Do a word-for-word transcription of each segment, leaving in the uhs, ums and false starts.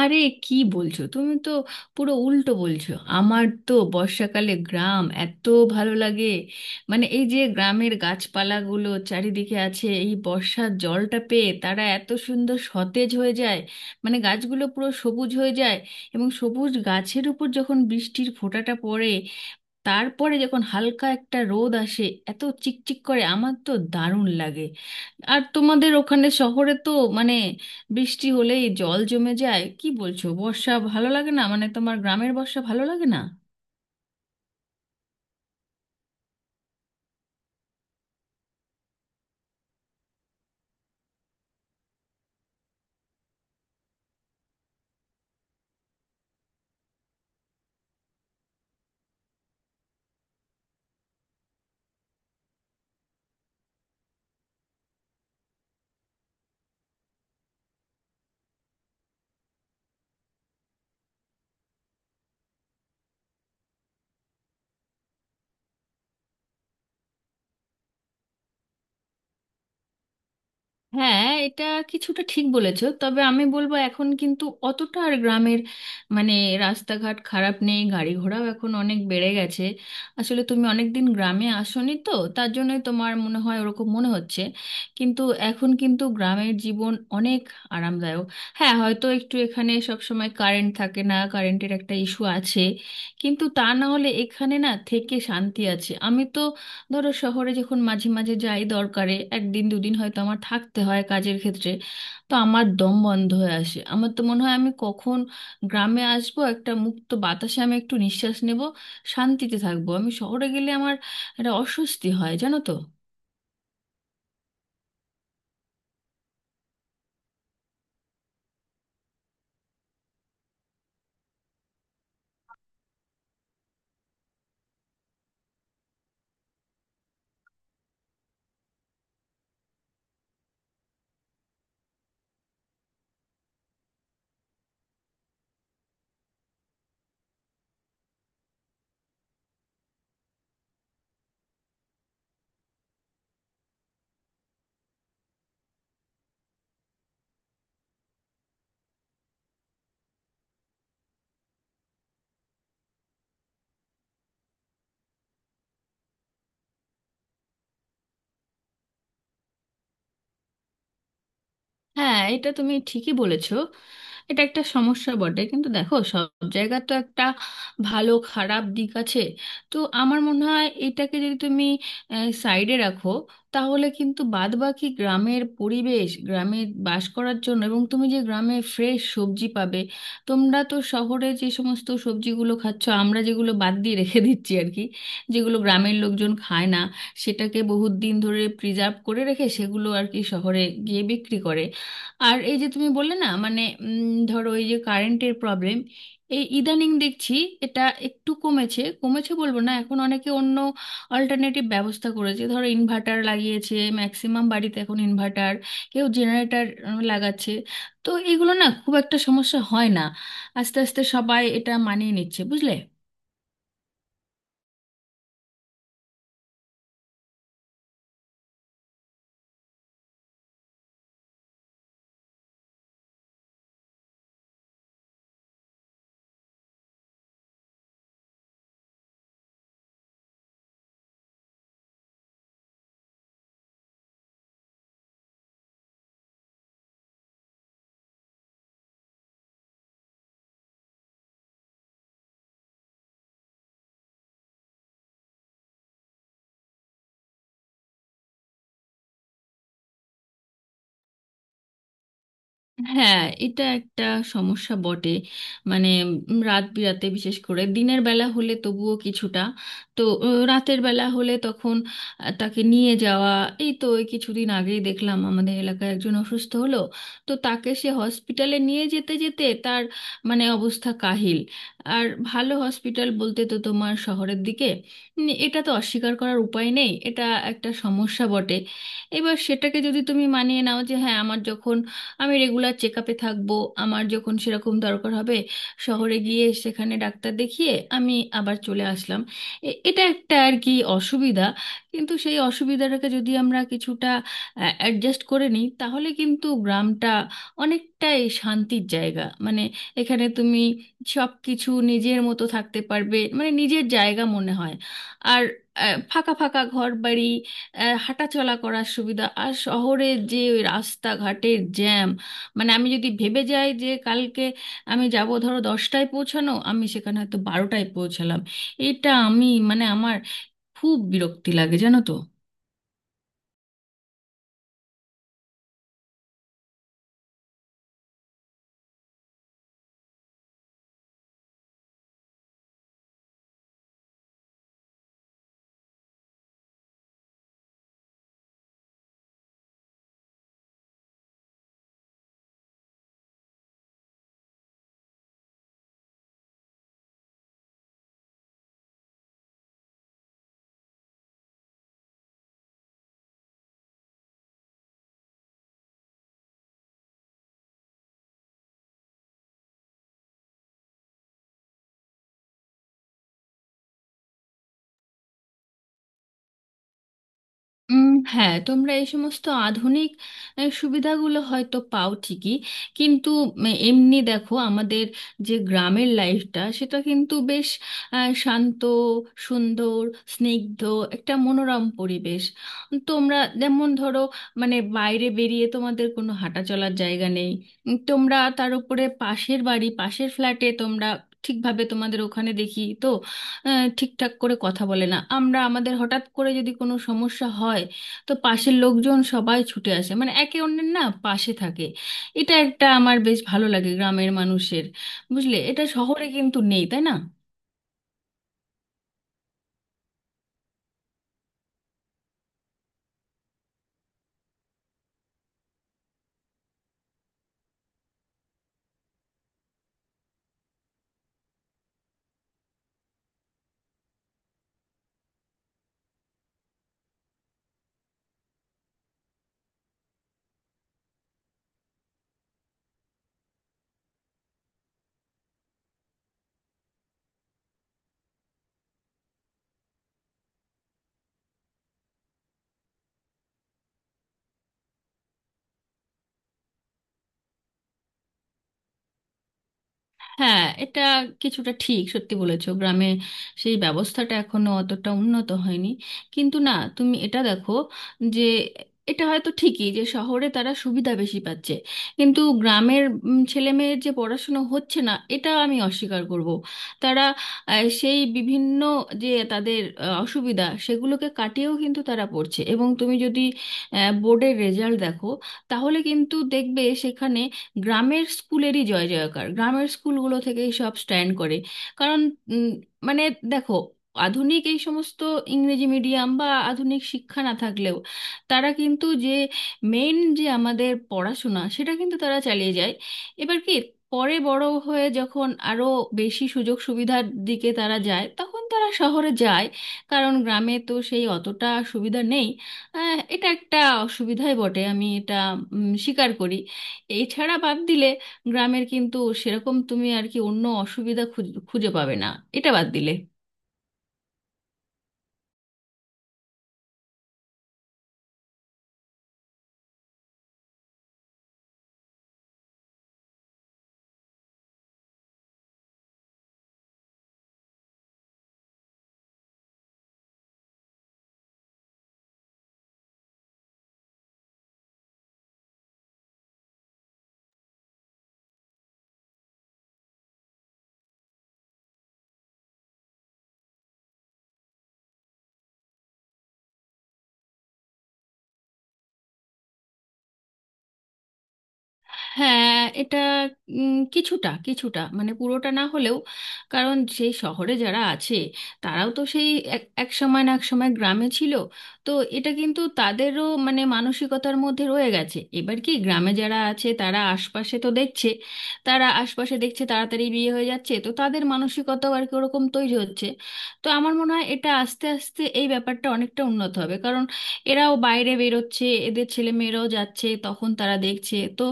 আরে, কি বলছো? তুমি তো পুরো উল্টো বলছো। আমার তো বর্ষাকালে গ্রাম এত ভালো লাগে। মানে এই যে গ্রামের গাছপালাগুলো চারিদিকে আছে, এই বর্ষার জলটা পেয়ে তারা এত সুন্দর সতেজ হয়ে যায়, মানে গাছগুলো পুরো সবুজ হয়ে যায়। এবং সবুজ গাছের উপর যখন বৃষ্টির ফোঁটাটা পড়ে, তারপরে যখন হালকা একটা রোদ আসে, এত চিকচিক করে, আমার তো দারুণ লাগে। আর তোমাদের ওখানে শহরে তো মানে বৃষ্টি হলেই জল জমে যায়। কি বলছো, বর্ষা ভালো লাগে না? মানে তোমার গ্রামের বর্ষা ভালো লাগে না? হ্যাঁ, এটা কিছুটা ঠিক বলেছো, তবে আমি বলবো এখন কিন্তু অতটা আর গ্রামের মানে রাস্তাঘাট খারাপ নেই, গাড়ি ঘোড়াও এখন অনেক বেড়ে গেছে। আসলে তুমি অনেকদিন গ্রামে আসোনি তো তার জন্যই তোমার মনে হয় ওরকম মনে হচ্ছে। কিন্তু এখন কিন্তু গ্রামের জীবন অনেক আরামদায়ক। হ্যাঁ, হয়তো একটু এখানে সব সময় কারেন্ট থাকে না, কারেন্টের একটা ইস্যু আছে, কিন্তু তা না হলে এখানে না থেকে শান্তি আছে। আমি তো ধরো শহরে যখন মাঝে মাঝে যাই দরকারে, একদিন দুদিন হয়তো আমার থাকতে হয় কাজের ক্ষেত্রে, তো আমার দম বন্ধ হয়ে আসে। আমার তো মনে হয় আমি কখন গ্রামে আসবো, একটা মুক্ত বাতাসে আমি একটু নিঃশ্বাস নেব, শান্তিতে থাকবো। আমি শহরে গেলে আমার একটা অস্বস্তি হয় জানো তো। হ্যাঁ, এটা তুমি ঠিকই বলেছো, এটা একটা সমস্যা বটে, কিন্তু দেখো সব জায়গা তো একটা ভালো খারাপ দিক আছে। তো আমার মনে হয় এটাকে যদি তুমি সাইডে রাখো, তাহলে কিন্তু বাদবাকি গ্রামের পরিবেশ গ্রামে বাস করার জন্য, এবং তুমি যে গ্রামে ফ্রেশ সবজি পাবে। তোমরা তো শহরে যে সমস্ত সবজিগুলো খাচ্ছ, আমরা যেগুলো বাদ দিয়ে রেখে দিচ্ছি আর কি, যেগুলো গ্রামের লোকজন খায় না, সেটাকে বহুত দিন ধরে প্রিজার্ভ করে রেখে সেগুলো আর কি শহরে গিয়ে বিক্রি করে। আর এই যে তুমি বললে না মানে উম, ধরো এই যে কারেন্টের প্রবলেম, এই ইদানিং দেখছি এটা একটু কমেছে। কমেছে বলবো না, এখন অনেকে অন্য অল্টারনেটিভ ব্যবস্থা করেছে, ধরো ইনভার্টার লাগিয়েছে, ম্যাক্সিমাম বাড়িতে এখন ইনভার্টার, কেউ জেনারেটর লাগাচ্ছে। তো এগুলো না খুব একটা সমস্যা হয় না, আস্তে আস্তে সবাই এটা মানিয়ে নিচ্ছে বুঝলে। হ্যাঁ, এটা একটা সমস্যা বটে। মানে উম, রাত বিরাতে, বিশেষ করে দিনের বেলা হলে তবুও কিছুটা, তো আহ, রাতের বেলা হলে তখন আহ, তাকে নিয়ে যাওয়া। এই তো এই কিছুদিন আগেই দেখলাম আমাদের এলাকায় একজন অসুস্থ হলো, তো তাকে সে হসপিটালে নিয়ে যেতে যেতে তার মানে অবস্থা কাহিল। আর ভালো হসপিটাল বলতে তো তোমার শহরের দিকে। উম, এটা তো অস্বীকার করার উপায় নেই, এটা একটা সমস্যা বটে। এবার সেটাকে যদি তুমি মানিয়ে নাও যে হ্যাঁ, আমার যখন আমি রেগুলার চেক আপে থাকবো, আমার যখন সেরকম দরকার হবে শহরে গিয়ে সেখানে ডাক্তার দেখিয়ে আমি আবার চলে আসলাম, এ- এটা একটা আর কি অসুবিধা। কিন্তু সেই অসুবিধাটাকে যদি আমরা কিছুটা অ্যাডজাস্ট করে নিই, তাহলে কিন্তু গ্রামটা অনেকটাই শান্তির জায়গা। মানে এখানে তুমি সব কিছু নিজের মতো থাকতে পারবে, মানে নিজের জায়গা মনে হয়। আর আহ, ফাঁকা ফাঁকা ঘর বাড়ি, আহ, হাঁটাচলা করার সুবিধা। আর শহরের যে ওই রাস্তাঘাটের জ্যাম, মানে আমি যদি ভেবে যাই যে কালকে আমি যাব, ধরো দশটায় পৌঁছানো, আমি সেখানে হয়তো বারোটায় পৌঁছালাম। এটা আমি মানে আমার খুব বিরক্তি লাগে জানো তো। উম, হ্যাঁ, তোমরা এই সমস্ত আধুনিক আহ, সুবিধাগুলো হয়তো পাও ঠিকই, কিন্তু উম, এমনি দেখো আমাদের যে গ্রামের লাইফটা, সেটা কিন্তু বেশ আহ, শান্ত, সুন্দর, স্নিগ্ধ, একটা মনোরম পরিবেশ। তোমরা যেমন ধরো, মানে বাইরে বেরিয়ে তোমাদের কোনো হাঁটা চলার জায়গা নেই। উম, তোমরা তার উপরে পাশের বাড়ি, পাশের ফ্ল্যাটে তোমরা ঠিকভাবে, তোমাদের ওখানে দেখি তো আহ, ঠিকঠাক করে কথা বলে না। আমরা আমাদের হঠাৎ করে যদি কোনো সমস্যা হয়, তো পাশের লোকজন সবাই ছুটে আসে, মানে একে অন্যের না পাশে থাকে। এটা একটা আমার বেশ ভালো লাগে গ্রামের মানুষের, বুঝলে, এটা শহরে কিন্তু নেই তাই না। হ্যাঁ, এটা কিছুটা ঠিক সত্যি বলেছো, গ্রামে সেই ব্যবস্থাটা এখনো অতটা উন্নত হয়নি। কিন্তু না, তুমি এটা দেখো যে এটা হয়তো ঠিকই যে শহরে তারা সুবিধা বেশি পাচ্ছে, কিন্তু গ্রামের উম, ছেলেমেয়ের যে পড়াশুনো হচ্ছে না এটা আমি অস্বীকার করব। তারা আহ, সেই বিভিন্ন যে তাদের আহ, অসুবিধা, সেগুলোকে কাটিয়েও কিন্তু তারা পড়ছে। এবং তুমি যদি বোর্ডের রেজাল্ট দেখো, তাহলে কিন্তু দেখবে সেখানে গ্রামের স্কুলেরই জয় জয়কার, গ্রামের স্কুলগুলো থেকেই সব স্ট্যান্ড করে। কারণ উম, মানে দেখো, আধুনিক এই সমস্ত ইংরেজি মিডিয়াম বা আধুনিক শিক্ষা না থাকলেও, তারা কিন্তু যে মেইন যে আমাদের পড়াশোনা সেটা কিন্তু তারা চালিয়ে যায়। এবার কি পরে বড় হয়ে যখন আরো বেশি সুযোগ সুবিধার দিকে তারা যায়, তখন তারা শহরে যায়, কারণ গ্রামে তো সেই অতটা সুবিধা নেই। আহ, এটা একটা অসুবিধাই বটে, আমি এটা উম, স্বীকার করি। এছাড়া বাদ দিলে গ্রামের কিন্তু সেরকম তুমি আর কি অন্য অসুবিধা খুঁজ- খুঁজে পাবে না, এটা বাদ দিলে। হ্যাঁ, এটা উম, কিছুটা কিছুটা মানে পুরোটা না হলেও, কারণ সেই শহরে যারা আছে তারাও তো সেই এক এক সময় না এক সময় গ্রামে ছিল। তো এটা কিন্তু তাদেরও মানে মানসিকতার মধ্যে রয়ে গেছে। এবার কি গ্রামে যারা আছে, তারা আশপাশে তো দেখছে, তারা আশপাশে দেখছে তাড়াতাড়ি বিয়ে হয়ে যাচ্ছে, তো তাদের মানসিকতাও আর কি ওরকম তৈরি হচ্ছে। তো আমার মনে হয় এটা আস্তে আস্তে এই ব্যাপারটা অনেকটা উন্নত হবে, কারণ এরাও বাইরে বেরোচ্ছে, এদের ছেলে মেয়েরাও যাচ্ছে, তখন তারা দেখছে তো।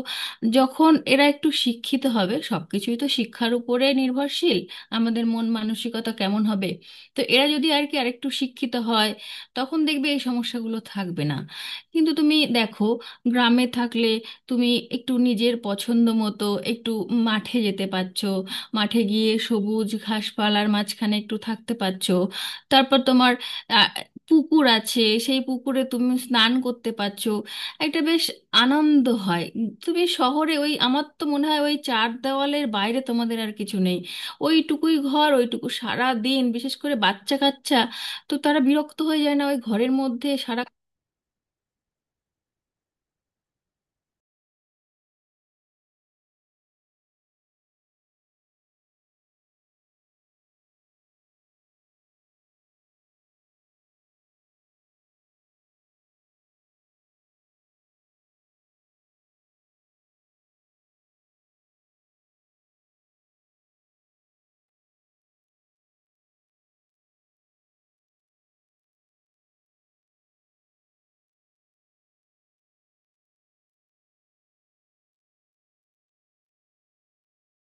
যখন এরা একটু শিক্ষিত হবে, সবকিছুই তো শিক্ষার উপরে নির্ভরশীল আমাদের মন মানসিকতা কেমন হবে, তো এরা যদি আর কি আরেকটু শিক্ষিত হয়, তখন দেখবে এই সমস্যাগুলো থাকবে না। কিন্তু তুমি দেখো, গ্রামে থাকলে তুমি একটু নিজের পছন্দ মতো একটু মাঠে যেতে পারছো, মাঠে গিয়ে সবুজ ঘাসপালার মাঝখানে একটু থাকতে পারছো। তারপর তোমার আহ, পুকুর আছে, সেই পুকুরে তুমি স্নান করতে পারছো, একটা বেশ আনন্দ হয়। তুমি শহরে ওই, আমার তো মনে হয় ওই চার দেওয়ালের বাইরে তোমাদের আর কিছু নেই, ওইটুকুই ঘর, ওইটুকু সারা দিন, বিশেষ করে বাচ্চা কাচ্চা, তো তারা বিরক্ত হয়ে যায় না ওই ঘরের মধ্যে সারা